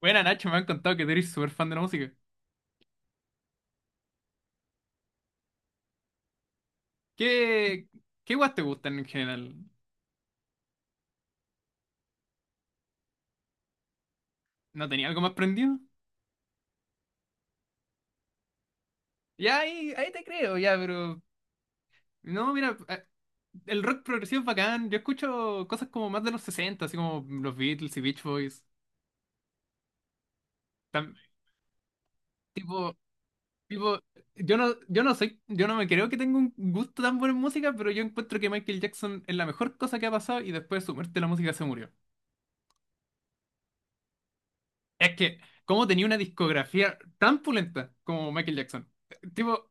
Buena Nacho, me han contado que tú eres súper fan de la música. ¿Qué, qué guas te gustan en general? ¿No tenía algo más prendido? Ya ahí te creo, ya, pero. No, mira, el rock progresivo es bacán. Yo escucho cosas como más de los 60 así como los Beatles y Beach Boys. Tam- tipo, tipo, yo no, yo no soy, yo no me creo que tengo un gusto tan bueno en música, pero yo encuentro que Michael Jackson es la mejor cosa que ha pasado y después de su muerte la música se murió. Es que, ¿cómo tenía una discografía tan pulenta como Michael Jackson? Tipo,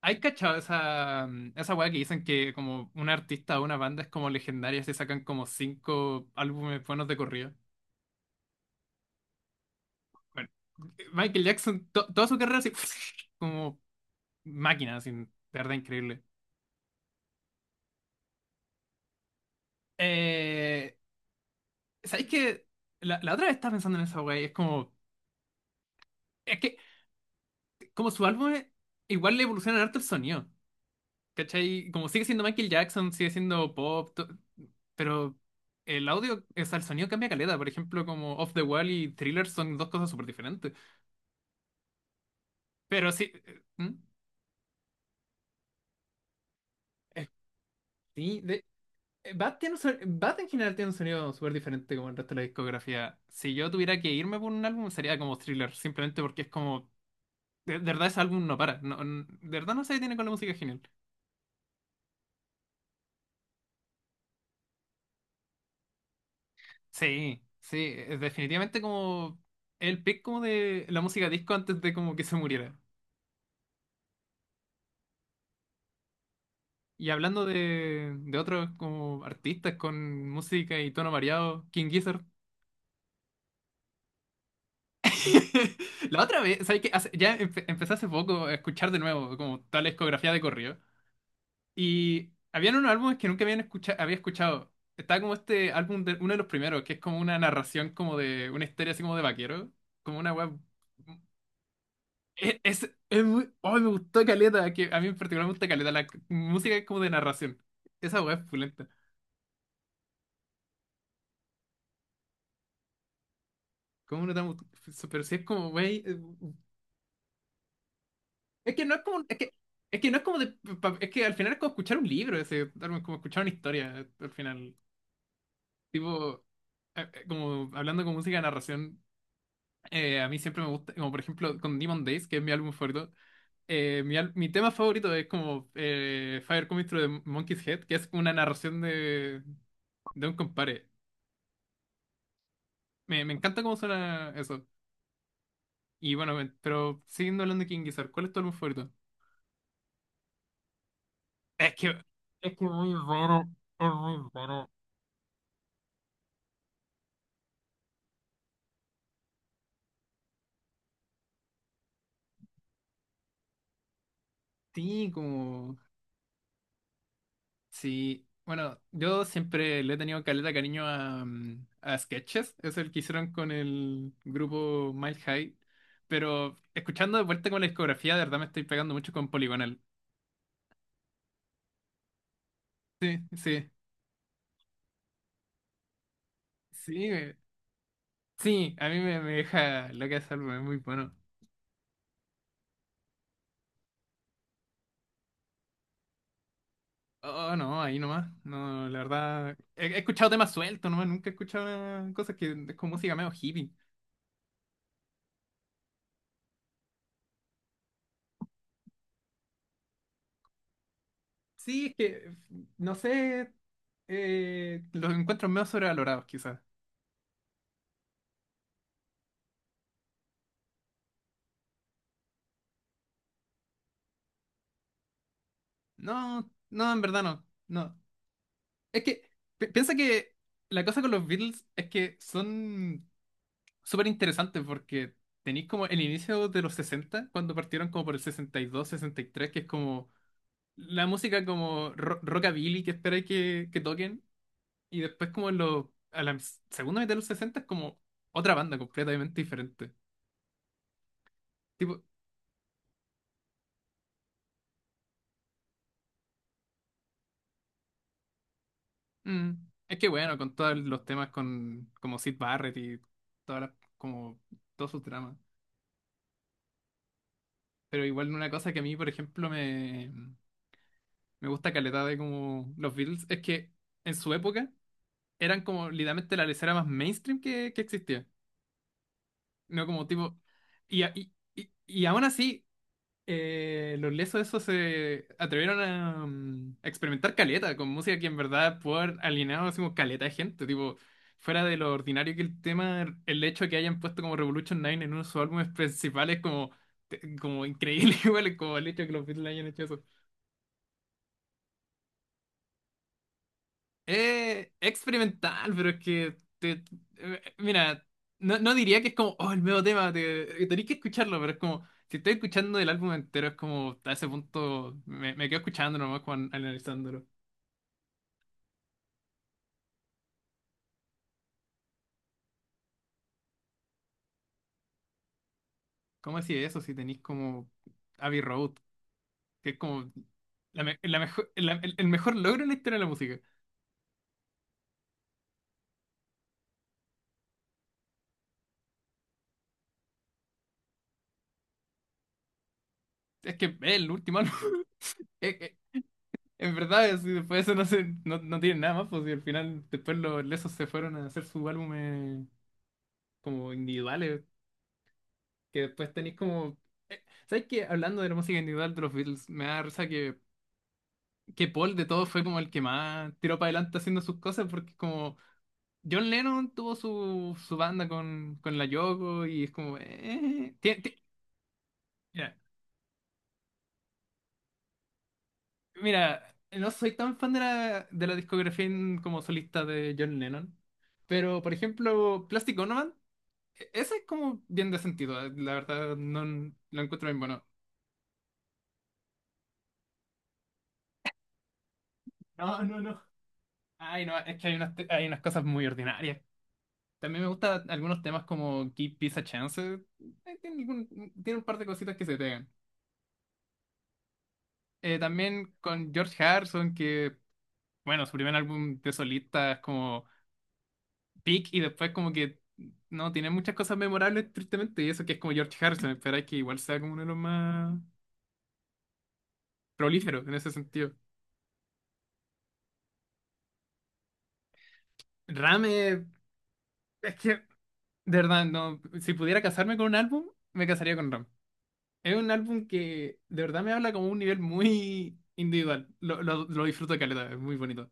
¿hay cachado esa weá que dicen que como un artista o una banda es como legendaria si sacan como cinco álbumes buenos de corrido? Bueno, Michael Jackson, toda su carrera así, como máquina, así, de verdad increíble. Eh, ¿Sabéis que la otra vez estaba pensando en esa weá y es como, es que como su álbum igual le evoluciona harto el sonido? ¿Cachai? Como sigue siendo Michael Jackson, sigue siendo pop, pero el audio, o sea, el sonido cambia caleta. Por ejemplo, como Off the Wall y Thriller son dos cosas súper diferentes. Pero sí, ¿hmm? Eh, sí, de, Bad tiene un son- Bad en general tiene un sonido súper diferente como el resto de la discografía. Si yo tuviera que irme por un álbum, sería como Thriller, simplemente porque es como, de verdad ese álbum no para. No, de verdad no se detiene con la música genial. Sí, sí, es definitivamente como el pick como de la música disco antes de como que se muriera. Y hablando de otros como artistas con música y tono variado, King Gizzard. La otra vez, ¿sabes qué? Empecé hace poco a escuchar de nuevo como toda la discografía de corrido. Y habían unos álbumes que nunca había escuchado. Estaba como este álbum, uno de los primeros, que es como una narración como de una historia así como de vaquero. Como una web... Es muy... ¡Oh, me gustó Caleta! Que a mí en particular me gusta Caleta, la música es como de narración. Esa web es pulenta. ¿Cómo no te va a gustar? Pero si es como, güey. Es que no es como. Es que, no es como de. Es que al final es como escuchar un libro, ese, algo es como escuchar una historia, al final. Tipo, como hablando con música de narración, a mí siempre me gusta, como por ejemplo con Demon Days, que es mi álbum favorito, mi tema favorito es como Fire Comes Through the Monkey's Head, que es una narración de un compadre. Me encanta cómo suena eso. Y bueno, pero siguiendo hablando de King Gizzard, ¿cuál es tu álbum favorito? Es que, es muy raro, es muy raro. Sí, como, sí. Bueno, yo siempre le he tenido caleta de cariño a Sketches, es el que hicieron con el grupo Mile High, pero escuchando de vuelta con la discografía, de verdad me estoy pegando mucho con Poligonal. Sí, sí, sí, sí, a mí me deja loca ese álbum, es muy bueno. Oh, no, ahí nomás, no, la verdad, he escuchado temas sueltos nomás, nunca he escuchado cosas que es como música medio hippie. Sí, es que, no sé, los encuentros medio sobrevalorados, quizás. No, no, en verdad no, no. Es que, piensa que la cosa con los Beatles es que son súper interesantes porque tenéis como el inicio de los 60 cuando partieron como por el 60 62, 63, que es como la música como rockabilly que esperáis que toquen, y después como a la segunda mitad de los 60 es como otra banda completamente diferente. Tipo. Mm. Es que bueno, con todos los temas con como Sid Barrett y todas como todos sus dramas. Pero igual una cosa que a mí, por ejemplo, me gusta caleta de como los Beatles es que en su época eran como literalmente la lesera más mainstream que existía. No como tipo. Y aún así, los lesos esos se atrevieron a experimentar caleta con música que en verdad pudo haber alienado así como caleta de gente, tipo, fuera de lo ordinario que el tema, el hecho de que hayan puesto como Revolution Nine en uno de sus álbumes principales como, como increíble igual, como el hecho de que los Beatles hayan hecho eso. Es experimental, pero es que mira, no diría que es como, oh, el nuevo tema, tenés que escucharlo, pero es como, si estoy escuchando el álbum entero, es como, a ese punto me quedo escuchando nomás con, analizándolo. ¿Cómo así eso si tenéis como Abbey Road, que es como la mejor, el mejor logro en la historia de la música? Es que es el último álbum. Es- es- En verdad, después de eso no, no tienen nada más, pues y al final después los lesos se fueron a hacer su álbum como individuales. Que después tenéis como. ¿Sabes qué? Hablando de la música individual de los Beatles, me da risa que Paul de todos fue como el que más tiró para adelante haciendo sus cosas, porque como John Lennon tuvo su banda con la Yoko y es como. Mira, mira, no soy tan fan de la discografía como solista de John Lennon, pero por ejemplo, Plastic Ono Band, esa es como bien de sentido, la verdad, no lo encuentro bien bueno. No, no, no. Ay, no, es que hay unas cosas muy ordinarias. También me gustan algunos temas como Give Peace a Chance. Tiene un par de cositas que se pegan. También con George Harrison, que, bueno, su primer álbum de solista es como Peak y después como que no tiene muchas cosas memorables, tristemente, y eso que es como George Harrison, espera que igual sea como uno de los más prolíferos en ese sentido. Ram, es que, de verdad, no, si pudiera casarme con un álbum, me casaría con Ram. Es un álbum que de verdad me habla como un nivel muy individual. Lo disfruto caleta, es muy bonito.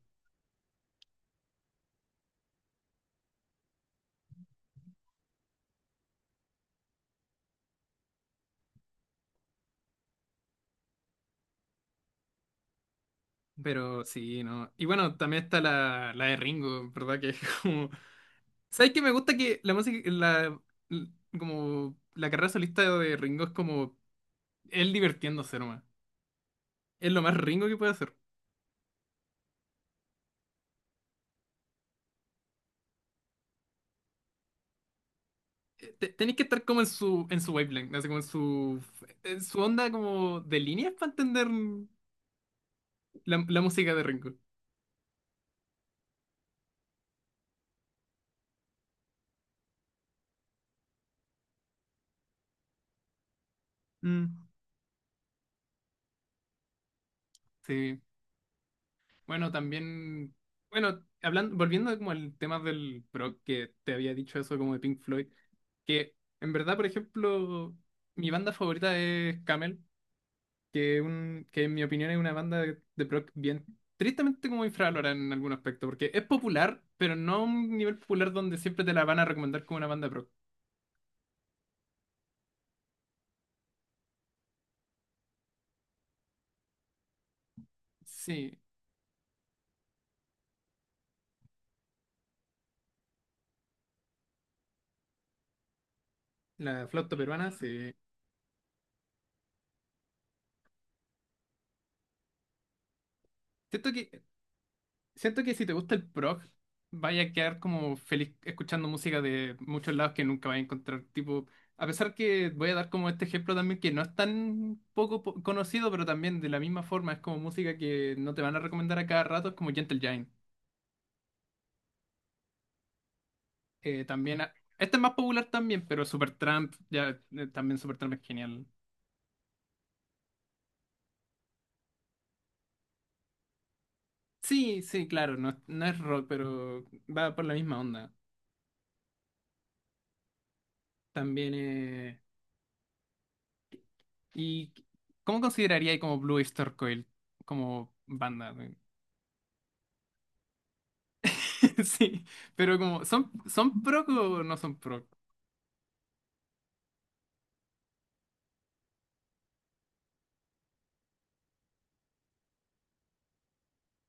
Pero sí, no. Y bueno, también está la de Ringo, ¿verdad? Que es como. ¿Sabes qué? Me gusta que la música, l- como la carrera solista de Ringo es como él divirtiéndose nomás. Es lo más Ringo que puede hacer. Tenéis que estar como en su wavelength, así como en su onda como de líneas para entender la música de Ringo. Mm. Sí, bueno, también, bueno, hablando, volviendo como al tema del pro que te había dicho eso como de Pink Floyd, que en verdad, por ejemplo, mi banda favorita es Camel, que en mi opinión es una banda de prog bien, tristemente como infravalorada en algún aspecto, porque es popular, pero no a un nivel popular donde siempre te la van a recomendar como una banda pro. Sí, la flauta peruana, sí. Siento que Siento que si te gusta el prog, vaya a quedar como feliz escuchando música de muchos lados que nunca vas a encontrar. Tipo, a pesar que voy a dar como este ejemplo también que no es tan poco conocido, pero también de la misma forma es como música que no te van a recomendar a cada rato, es como Gentle Giant. También, este es más popular también, pero Supertramp, ya, también Supertramp es genial. Sí, sí, claro, no, no es rock, pero va por la misma onda. También, ¿y cómo consideraría como Blue Oyster Coil como banda? ¿No? Sí, pero como son prog o no son prog?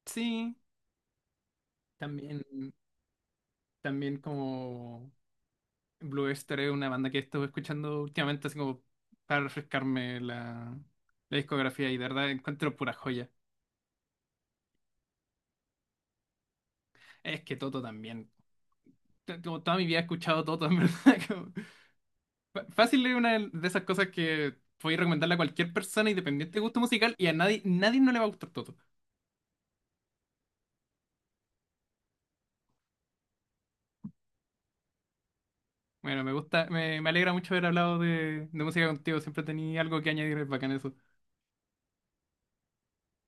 Sí, también también como Blue Oyster es una banda que he estado escuchando últimamente así como para refrescarme la discografía y de verdad encuentro pura joya. Es que Toto también. Como toda mi vida he escuchado Toto, en verdad. Fácil es una de esas cosas que puedes recomendarle a cualquier persona independiente de gusto musical y a nadie nadie no le va a gustar Toto. Bueno, me gusta, me alegra mucho haber hablado de música contigo. Siempre tenía algo que añadir, es bacán eso.